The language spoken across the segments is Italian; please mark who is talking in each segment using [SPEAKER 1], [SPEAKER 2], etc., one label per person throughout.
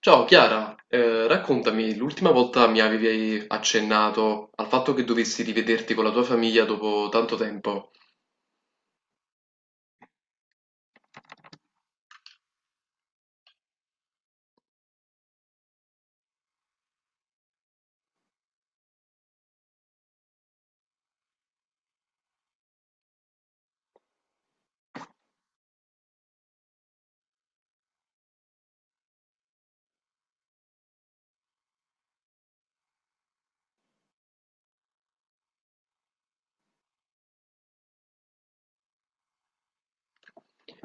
[SPEAKER 1] Ciao Chiara, raccontami, l'ultima volta mi avevi accennato al fatto che dovessi rivederti con la tua famiglia dopo tanto tempo.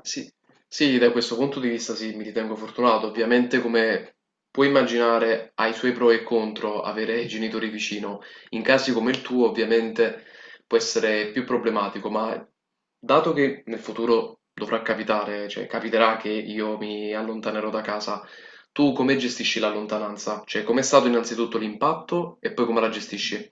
[SPEAKER 1] Sì, sì, da questo punto di vista sì, mi ritengo fortunato. Ovviamente, come puoi immaginare, ha i suoi pro e contro avere i genitori vicino. In casi come il tuo, ovviamente, può essere più problematico, ma dato che nel futuro dovrà capitare, cioè capiterà che io mi allontanerò da casa, tu come gestisci la lontananza? Cioè, com'è stato innanzitutto l'impatto e poi come la gestisci?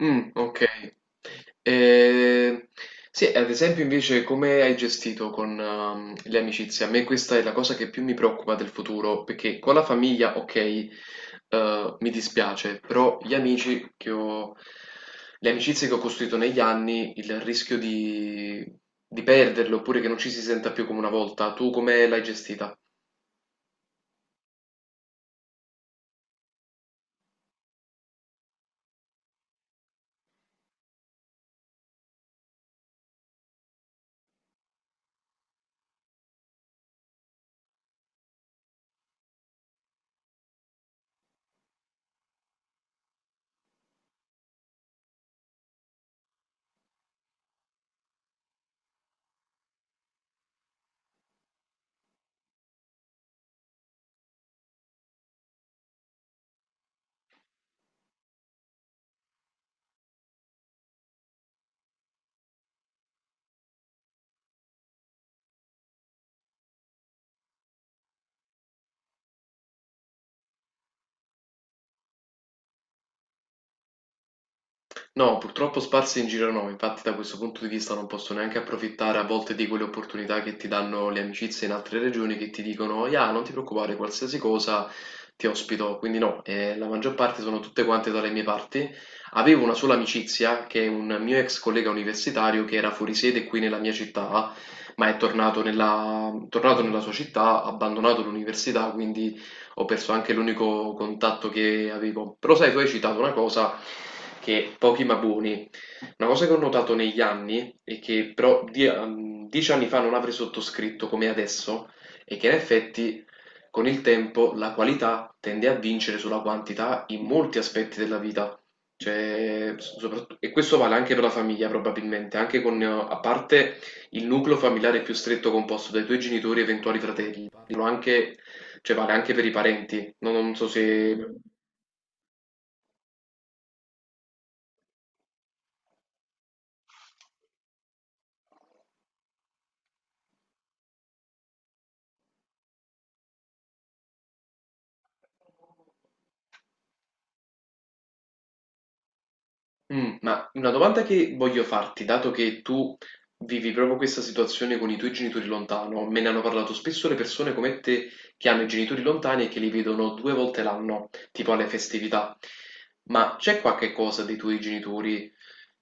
[SPEAKER 1] Mm, ok. Eh, sì, ad esempio invece come hai gestito con le amicizie? A me questa è la cosa che più mi preoccupa del futuro, perché con la famiglia, ok, mi dispiace, però gli amici che ho, le amicizie che ho costruito negli anni, il rischio di perderle oppure che non ci si senta più come una volta, tu come l'hai gestita? No, purtroppo sparsi in giro no, infatti da questo punto di vista non posso neanche approfittare a volte di quelle opportunità che ti danno le amicizie in altre regioni che ti dicono, ya, non ti preoccupare, qualsiasi cosa ti ospito, quindi no, la maggior parte sono tutte quante dalle mie parti. Avevo una sola amicizia che è un mio ex collega universitario che era fuori sede qui nella mia città, ma è tornato tornato nella sua città, ha abbandonato l'università, quindi ho perso anche l'unico contatto che avevo. Però sai, tu hai citato una cosa che pochi ma buoni, una cosa che ho notato negli anni e che però 10 anni fa non avrei sottoscritto come adesso è che in effetti con il tempo la qualità tende a vincere sulla quantità in molti aspetti della vita. Cioè, e questo vale anche per la famiglia probabilmente, anche con, a parte il nucleo familiare più stretto composto dai tuoi genitori e eventuali fratelli, parlo anche, cioè vale anche per i parenti, non so se Mm, ma una domanda che voglio farti, dato che tu vivi proprio questa situazione con i tuoi genitori lontano, me ne hanno parlato spesso le persone come te che hanno i genitori lontani e che li vedono 2 volte l'anno, tipo alle festività. Ma c'è qualche cosa dei tuoi genitori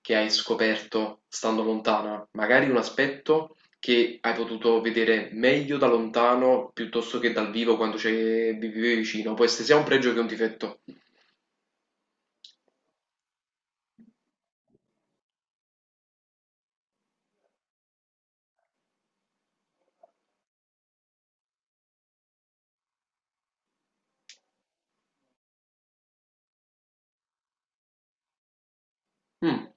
[SPEAKER 1] che hai scoperto stando lontana? Magari un aspetto che hai potuto vedere meglio da lontano piuttosto che dal vivo quando ci vivevi vicino, può essere sia un pregio che un difetto. Mm.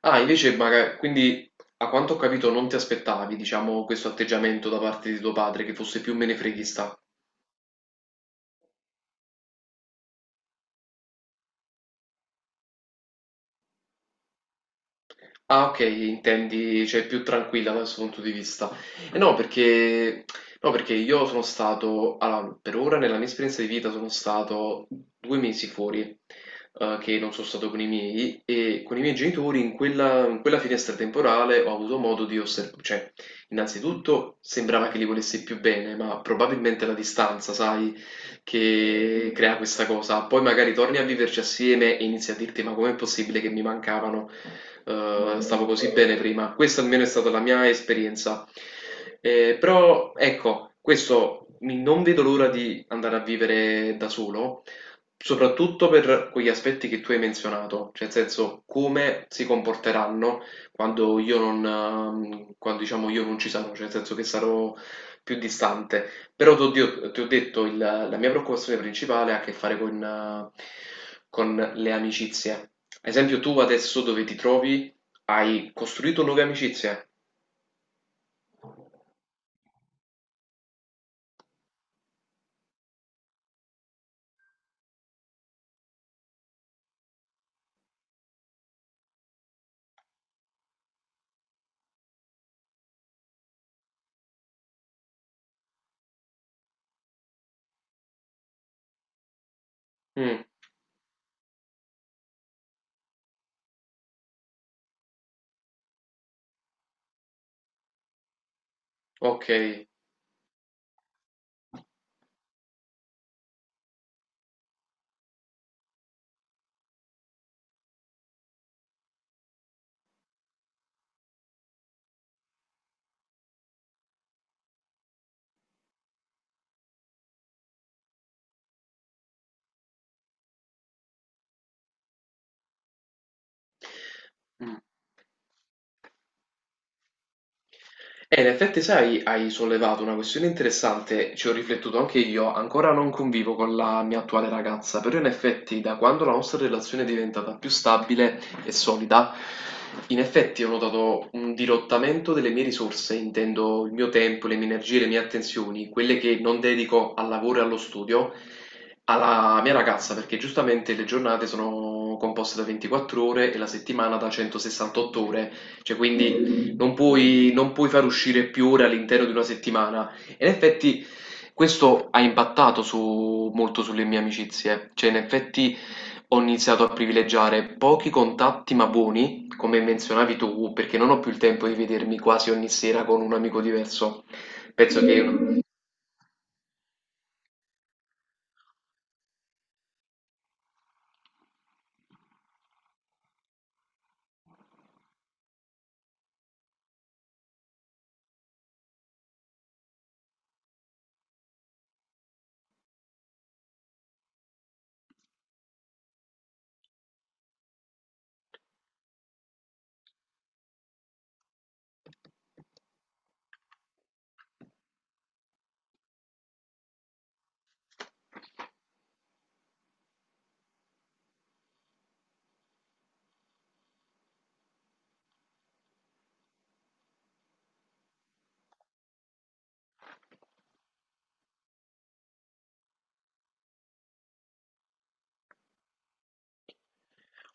[SPEAKER 1] Ah, invece, magari, quindi a quanto ho capito non ti aspettavi, diciamo, questo atteggiamento da parte di tuo padre, che fosse più menefreghista. Ah, ok, intendi, cioè più tranquilla da questo punto di vista. E no, perché io sono stato, allora, per ora nella mia esperienza di vita sono stato 2 mesi fuori, che non sono stato con i miei, e con i miei genitori in quella finestra temporale ho avuto modo di osservare, cioè, innanzitutto sembrava che li volessi più bene, ma probabilmente la distanza, sai, che crea questa cosa. Poi magari torni a viverci assieme e inizi a dirti, ma com'è possibile che mi mancavano? Stavo così bene prima. Questa almeno è stata la mia esperienza. Però ecco, non vedo l'ora di andare a vivere da solo, soprattutto per quegli aspetti che tu hai menzionato, cioè nel senso come si comporteranno quando io non, quando, diciamo, io non ci sarò, cioè nel senso che sarò più distante. Però ti ho detto, la mia preoccupazione principale ha a che fare eh, con le amicizie. Ad esempio, tu adesso dove ti trovi hai costruito nuove amicizie? Mm, ok. Mm. In effetti, sai, hai sollevato una questione interessante, ci ho riflettuto anche io, ancora non convivo con la mia attuale ragazza, però in effetti da quando la nostra relazione è diventata più stabile e solida, in effetti ho notato un dirottamento delle mie risorse, intendo il mio tempo, le mie energie, le mie attenzioni, quelle che non dedico al lavoro e allo studio, alla mia ragazza, perché giustamente le giornate sono composte da 24 ore e la settimana da 168 ore, cioè quindi non puoi far uscire più ore all'interno di una settimana. E in effetti questo ha molto sulle mie amicizie, cioè in effetti ho iniziato a privilegiare pochi contatti ma buoni, come menzionavi tu, perché non ho più il tempo di vedermi quasi ogni sera con un amico diverso. Penso che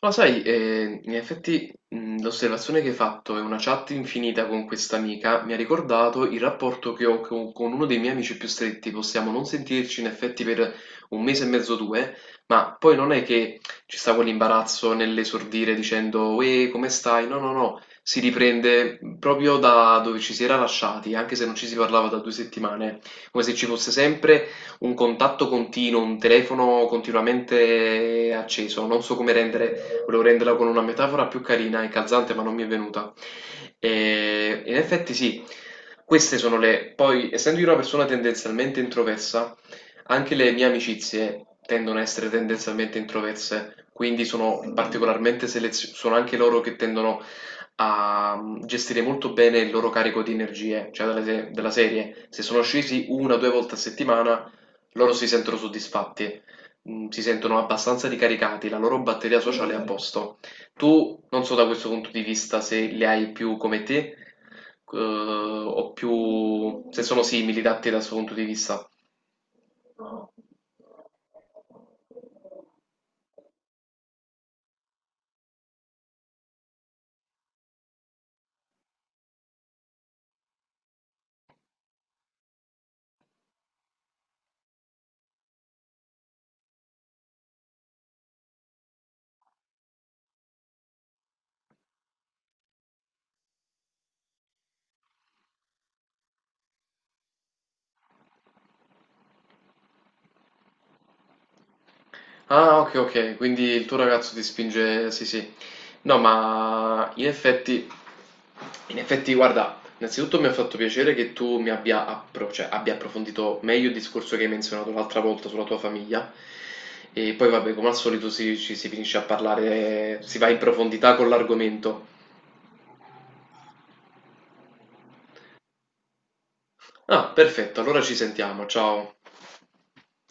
[SPEAKER 1] ma sai, in effetti l'osservazione che hai fatto e una chat infinita con questa amica mi ha ricordato il rapporto che ho con, uno dei miei amici più stretti. Possiamo non sentirci in effetti per un mese e mezzo o due, ma poi non è che ci sta quell'imbarazzo nell'esordire dicendo «Uè, come stai?» No, no, no, si riprende proprio da dove ci si era lasciati, anche se non ci si parlava da due settimane, come se ci fosse sempre un contatto continuo, un telefono continuamente acceso. Non so come rendere, volevo renderla con una metafora più carina e calzante, ma non mi è venuta. E in effetti sì, queste sono le... Poi, essendo io una persona tendenzialmente introversa, anche le mie amicizie tendono a essere tendenzialmente introverse, quindi sono particolarmente selezionate, sono anche loro che tendono a gestire molto bene il loro carico di energie, della serie. Se sono scesi una o due volte a settimana, loro si sentono soddisfatti, mhmm, si sentono abbastanza ricaricati, la loro batteria sociale è a posto. Tu non so da questo punto di vista se li hai più come te, o più se sono simili da te da questo punto di vista. Ah, ok, ok, quindi il tuo ragazzo ti spinge, sì, sì. No, ma in effetti, guarda, innanzitutto mi ha fatto piacere che tu mi abbia, abbia approfondito meglio il discorso che hai menzionato l'altra volta sulla tua famiglia. E poi, vabbè, come al solito ci si finisce a parlare, si va in profondità con l'argomento. Ah, perfetto, allora ci sentiamo, ciao.